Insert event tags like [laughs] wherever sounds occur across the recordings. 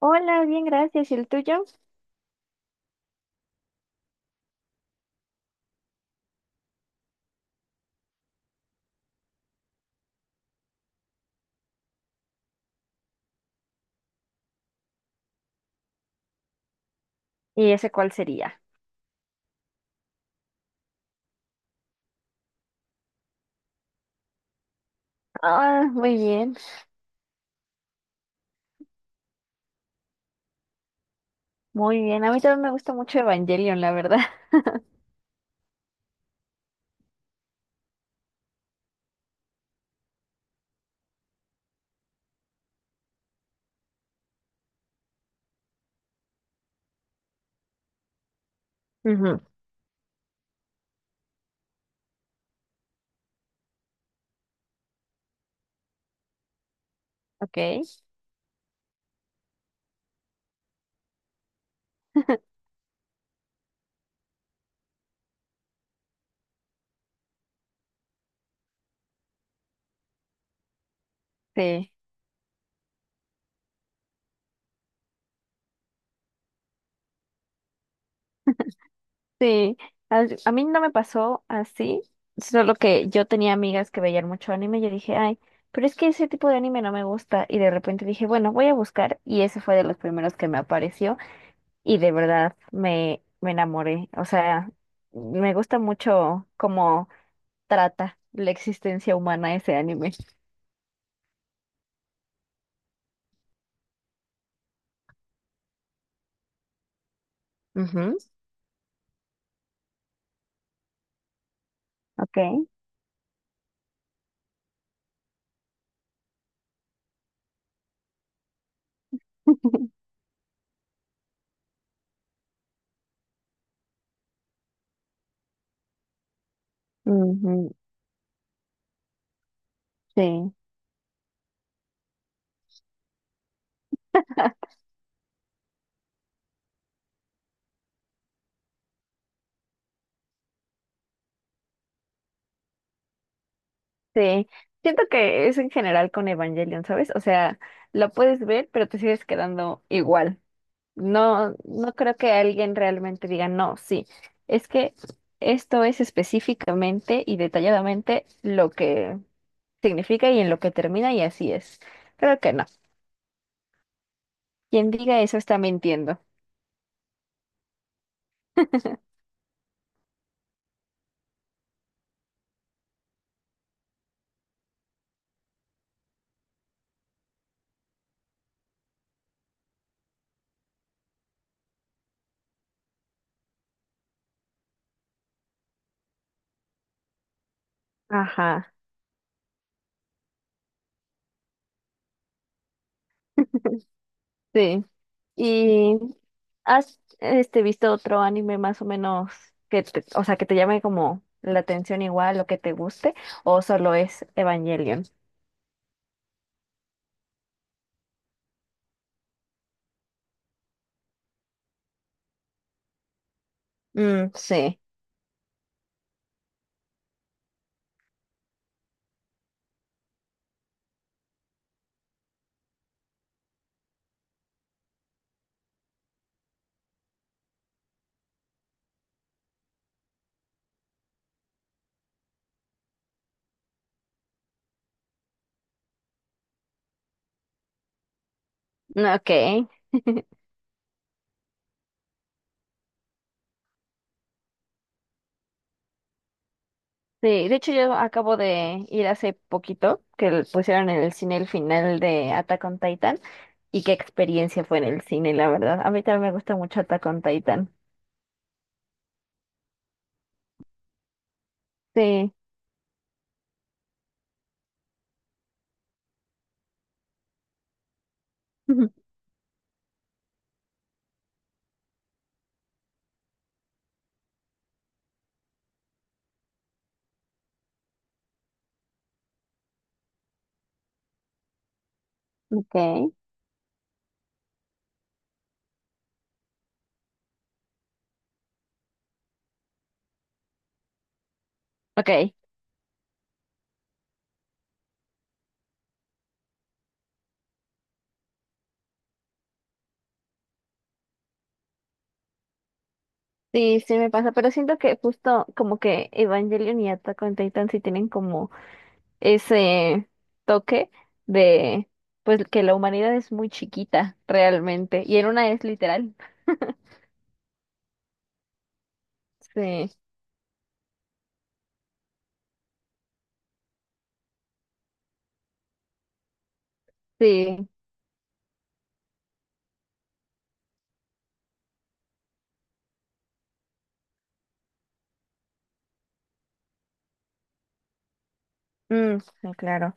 Hola, bien, gracias. ¿Y el tuyo? ¿Y ese cuál sería? Ah, muy bien, muy bien. A mí también me gusta mucho Evangelion, la verdad. [laughs] Ujú. Ok. Sí, sí. A mí no me pasó así, solo que yo tenía amigas que veían mucho anime y yo dije, ay, pero es que ese tipo de anime no me gusta. Y de repente dije, bueno, voy a buscar y ese fue de los primeros que me apareció y de verdad me enamoré. O sea, me gusta mucho, trata la existencia humana ese anime. Ujú. Ok. [laughs] Ujú. Sí. [laughs] Sí. Siento que es en general con Evangelion, ¿sabes? O sea, lo puedes ver, pero te sigues quedando igual. No, no creo que alguien realmente diga, no, sí. Es que esto es específicamente y detalladamente lo que significa y en lo que termina y así es. Creo que no. Quien diga eso está mintiendo. [laughs] Ajá. Sí. ¿Y has visto otro anime más o menos que o sea, que te llame como la atención igual o que te guste o solo es Evangelion? Mm, sí. Ok. Sí, de hecho yo acabo de ir hace poquito que le pusieron en el cine el final de Attack on Titan y qué experiencia fue en el cine, la verdad. A mí también me gusta mucho Attack on Titan. Sí. [laughs] Ok. Ok. Sí, sí me pasa, pero siento que justo como que Evangelion y Attack on Titan sí tienen como ese toque de pues que la humanidad es muy chiquita realmente y en una es literal. Sí, sí. Mm, sí, claro.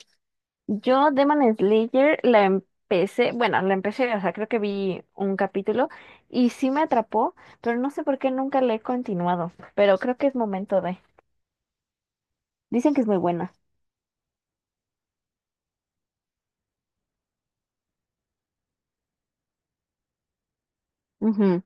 Yo Demon Slayer la empecé, bueno, la empecé, o sea, creo que vi un capítulo y sí me atrapó, pero no sé por qué nunca la he continuado, pero creo que es momento de. Dicen que es muy buena. Ujú.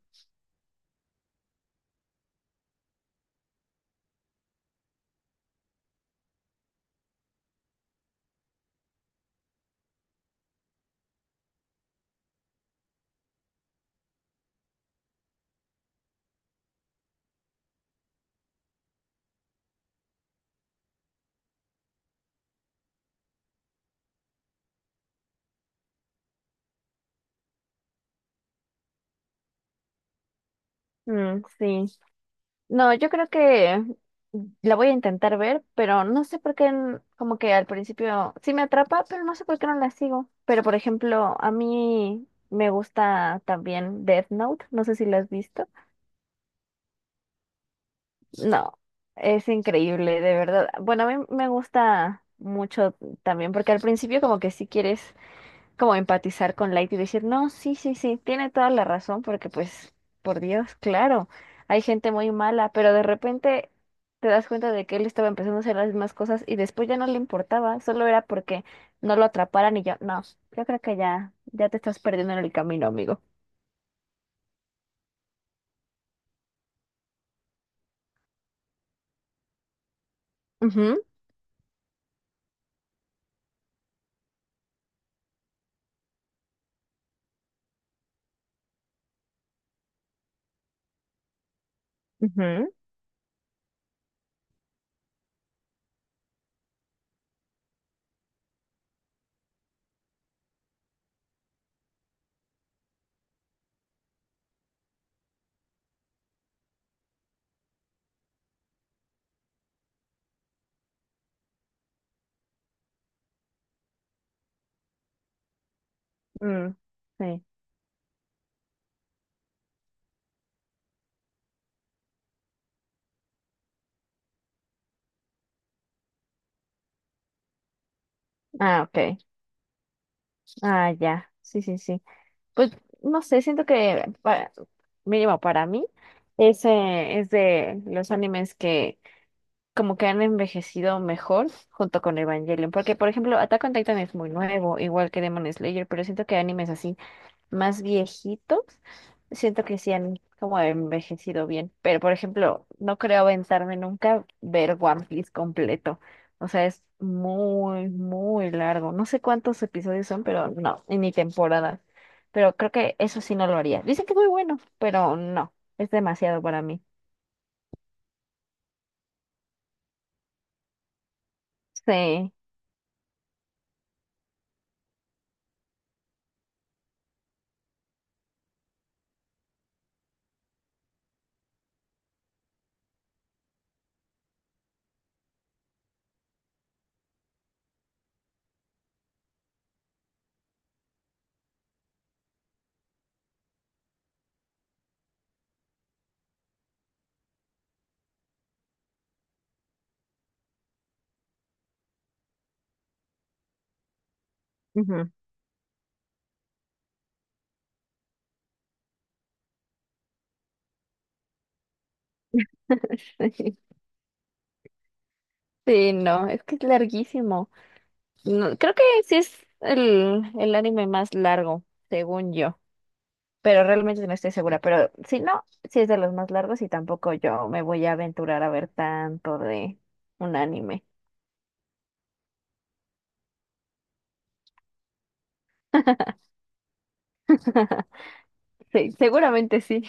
Mm, sí. No, yo creo que la voy a intentar ver, pero no sé por qué, como que al principio sí me atrapa, pero no sé por qué no la sigo. Pero por ejemplo, a mí me gusta también Death Note, no sé si la has visto. No, es increíble, de verdad. Bueno, a mí me gusta mucho también, porque al principio como que sí quieres como empatizar con Light y decir, no, sí, sí, sí, tiene toda la razón, porque pues, por Dios, claro, hay gente muy mala, pero de repente te das cuenta de que él estaba empezando a hacer las mismas cosas y después ya no le importaba, solo era porque no lo atraparan y yo, no, yo creo que ya, ya te estás perdiendo en el camino, amigo. Ujú. Ujú. Mm, sí. Ah, ok. Ah, ya. Sí, sí, sí. Pues no sé, siento que mínimo para mí, ese es de los animes que como que han envejecido mejor junto con Evangelion. Porque, por ejemplo, Attack on Titan es muy nuevo, igual que Demon Slayer, pero siento que animes así más viejitos, siento que sí han como envejecido bien. Pero, por ejemplo, no creo aventarme nunca ver One Piece completo. O sea, es muy, muy largo. No sé cuántos episodios son, pero no, y ni temporadas. Pero creo que eso sí no lo haría. Dicen que es muy bueno, pero no, es demasiado para mí. Sí. Ujú. [laughs] Sí, no, es que es larguísimo. No, creo que sí es el anime más largo, según yo, pero realmente no estoy segura. Pero si no, sí es de los más largos y tampoco yo me voy a aventurar a ver tanto de un anime. [laughs] Sí, seguramente sí.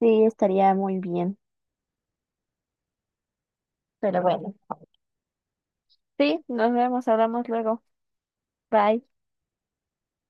Sí, estaría muy bien. Pero bueno, sí, nos vemos, hablamos luego. Bye.